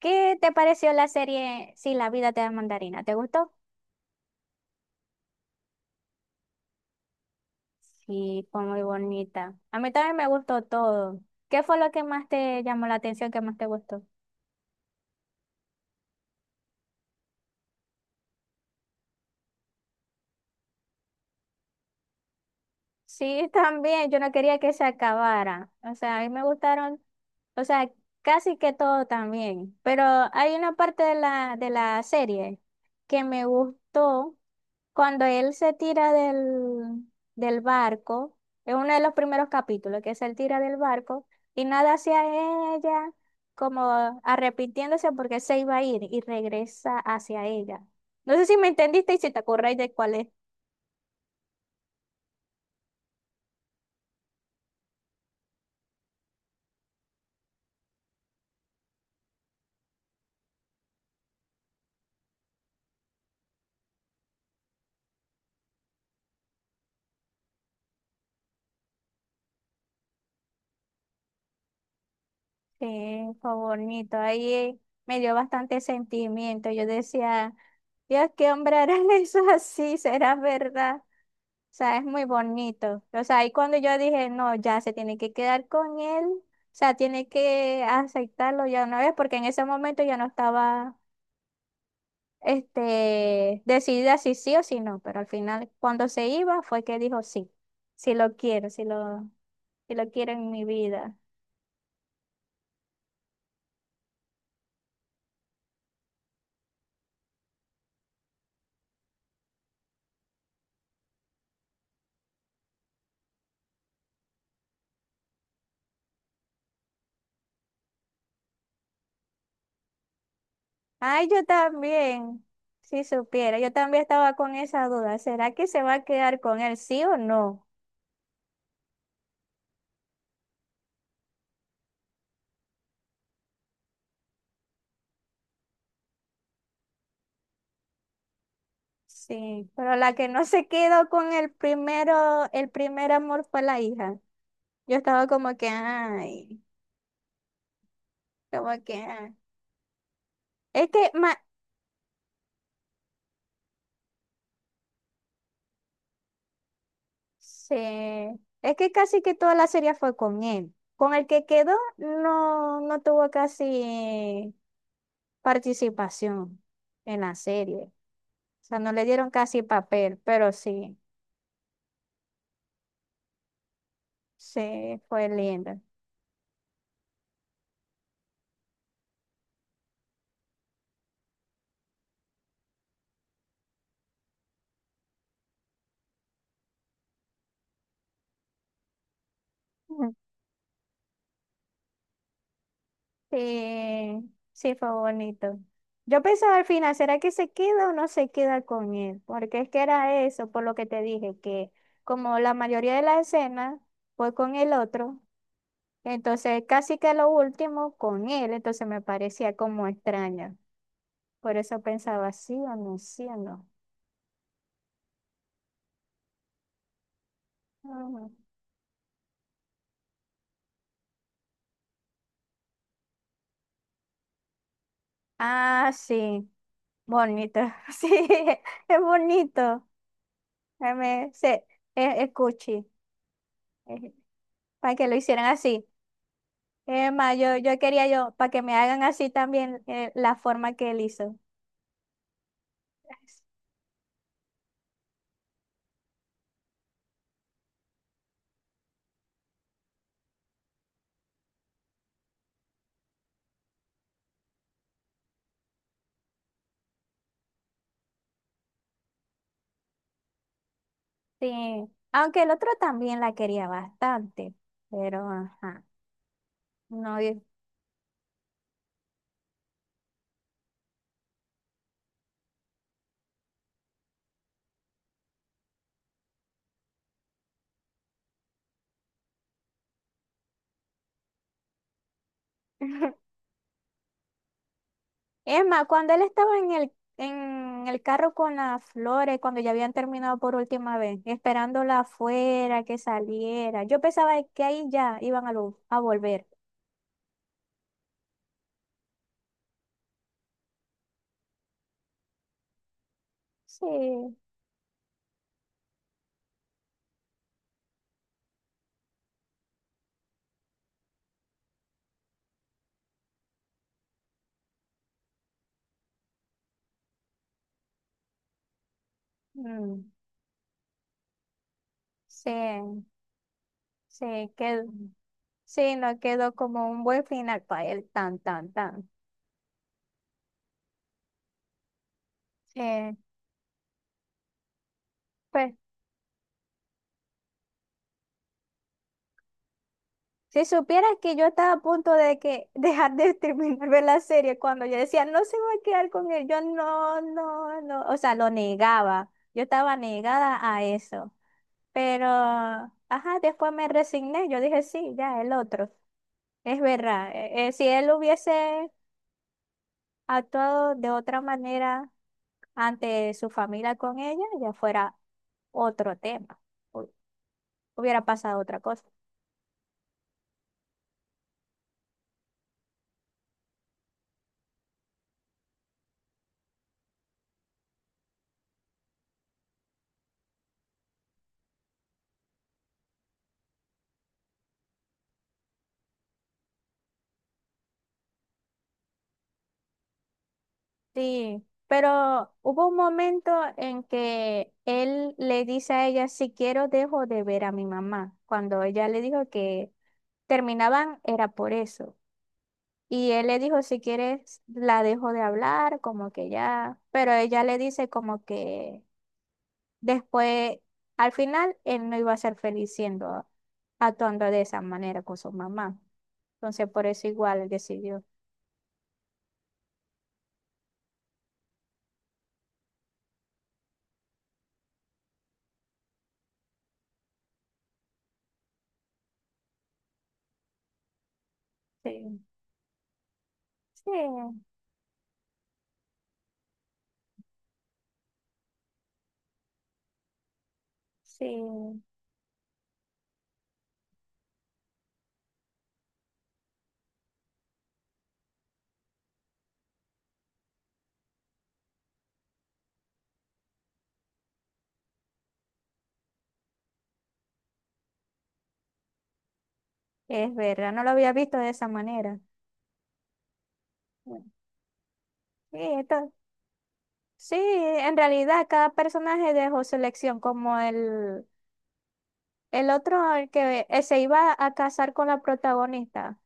¿Qué te pareció la serie Si la vida te da mandarina? ¿Te gustó? Sí, fue muy bonita. A mí también me gustó todo. ¿Qué fue lo que más te llamó la atención, que más te gustó? Sí, también, yo no quería que se acabara. O sea, a mí me gustaron, o sea, casi que todo también. Pero hay una parte de la serie que me gustó cuando él se tira del barco. Es uno de los primeros capítulos, que es el tira del barco y nada hacia ella, como arrepintiéndose porque se iba a ir y regresa hacia ella. No sé si me entendiste y si te acordáis de cuál es. Sí, fue bonito. Ahí me dio bastante sentimiento. Yo decía, Dios, qué hombre hará eso así, será verdad. O sea, es muy bonito. O sea, ahí cuando yo dije, no, ya se tiene que quedar con él. O sea, tiene que aceptarlo ya una vez, porque en ese momento yo no estaba, decidida si sí o si no. Pero al final, cuando se iba, fue que dijo sí, si lo quiero, si lo quiero en mi vida. Ay, yo también, si supiera, yo también estaba con esa duda. ¿Será que se va a quedar con él, sí o no? Sí, pero la que no se quedó con el primero, el primer amor fue la hija. Yo estaba como que, ay, como que, ay. Es que, ma, sí, es que casi que toda la serie fue con él. Con el que quedó, no tuvo casi participación en la serie. O sea, no le dieron casi papel, pero sí. Sí, fue lindo. Ujú. Sí, sí fue bonito. Yo pensaba al final, ¿será que se queda o no se queda con él? Porque es que era eso, por lo que te dije, que como la mayoría de las escenas fue con el otro, entonces casi que lo último con él, entonces me parecía como extraño. Por eso pensaba, sí o no, sí o no. Ujú. Ah, sí, bonito, sí, es bonito. Eh, me- se- es cuchi. Es- para que lo hicieran así. Emma, yo quería yo, para que me hagan así también la forma que él hizo. Sí, aunque el otro también la quería bastante, pero ajá, no. Es más, cuando él estaba en el carro con las flores, cuando ya habían terminado por última vez, esperándola afuera, que saliera, yo pensaba que ahí ya iban a, a volver. Sí, mm, sí. Sí, quedó, sí, no quedó como un buen final para él, tan, tan, tan. Eh, pues, si supieras que yo estaba a punto de que dejar de terminar ver la serie cuando yo decía, no se va a quedar con él, yo no, no, no, o sea, lo negaba, yo estaba negada a eso, pero, ajá, después me resigné, yo dije, sí, ya, el otro, es verdad, si él hubiese ha actuado de otra manera ante su familia con ella, ya fuera otro tema, hu- hubiera pasado otra cosa. Sí, pero hubo un momento en que él le dice a ella, si quiero dejo de ver a mi mamá, cuando ella le dijo que terminaban era por eso. Y él le dijo, si quieres, la dejo de hablar, como que ya, pero ella le dice como que... Después, al final, él no iba a ser feliz siendo, actuando de esa manera con su mamá. Entonces, por eso igual él decidió. Sí, sí, sí, es verdad, no lo había visto de esa manera. Bueno, Sí, esto- sí, en realidad cada personaje dejó su elección, como el otro, el que se iba a casar con la protagonista.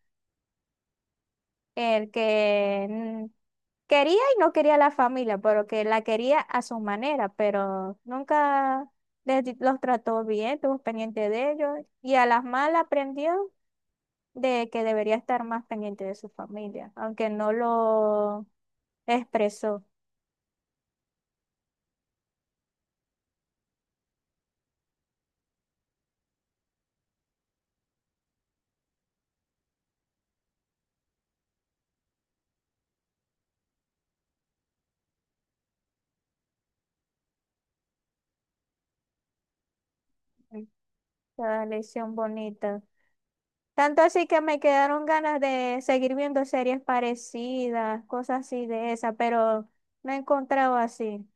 El que quería y no quería la familia, pero que la quería a su manera, pero nunca los trató bien, estuvo pendiente de ellos y a las malas aprendió de que debería estar más pendiente de su familia, aunque no lo expresó. La lección bonita. Tanto así que me quedaron ganas de seguir viendo series parecidas, cosas así de esa, pero no he encontrado así.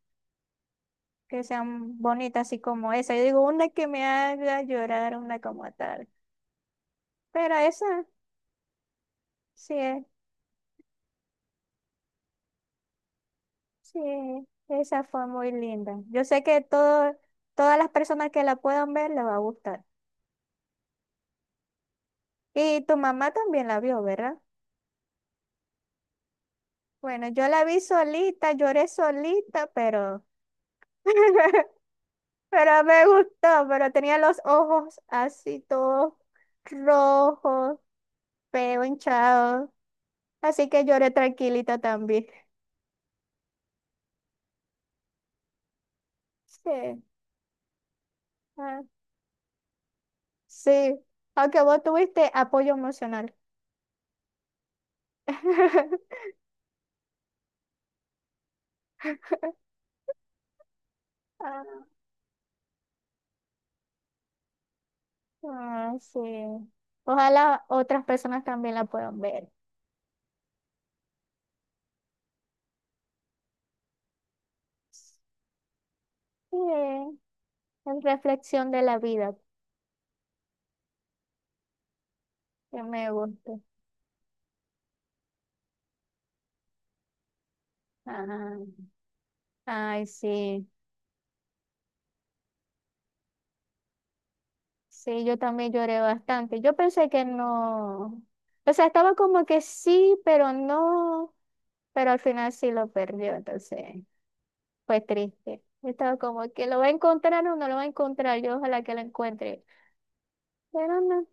Que sean bonitas, así como esa. Yo digo una que me haga llorar, una como tal. Pero esa, sí, es- sí, esa fue muy linda. Yo sé que todo, todas las personas que la puedan ver les va a gustar. Y tu mamá también la vio, ¿verdad? Bueno, yo la vi solita, lloré solita, pero, pero me gustó, pero tenía los ojos así todos rojos, feo, hinchado. Así que lloré tranquilita también. Sí. Ah, sí, aunque vos tuviste apoyo emocional. Ah, ah, sí. Ojalá otras personas también la puedan ver. Sí, es reflexión de la vida, que me gusta. Ah, ay, sí. Sí, yo también lloré bastante. Yo pensé que no. O sea, estaba como que sí, pero no. Pero al final sí lo perdió, entonces fue triste. Yo estaba como que lo va a encontrar o no lo va a encontrar. Yo ojalá que lo encuentre. Pero no,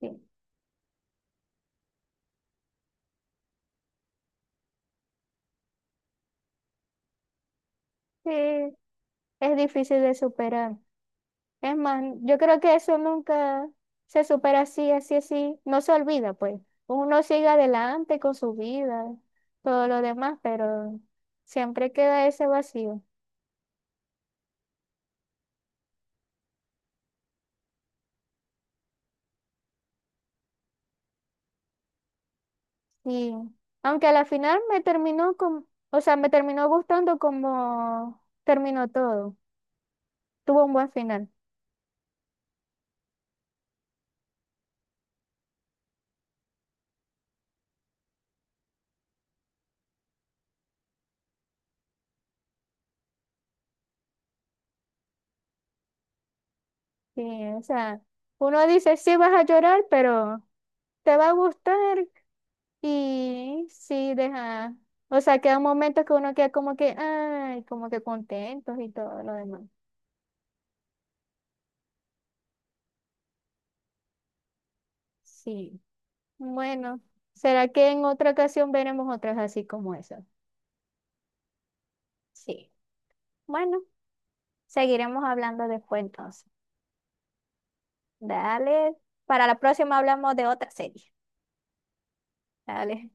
sí, sí, es difícil de superar. Es más, yo creo que eso nunca se supera así, así, así. No se olvida, pues. Uno sigue adelante con su vida, todo lo demás, pero siempre queda ese vacío. Y aunque a la final me terminó con, o sea, me terminó gustando como terminó todo. Tuvo un buen final. Sí, o sea, uno dice, sí vas a llorar, pero te va a gustar. Y sí, deja. O sea, queda un momento que uno queda como que, ay, como que contentos y todo lo demás. Sí. Bueno, ¿será que en otra ocasión veremos otras así como esas? Sí. Bueno, seguiremos hablando después entonces. Dale. Para la próxima hablamos de otra serie. Dale.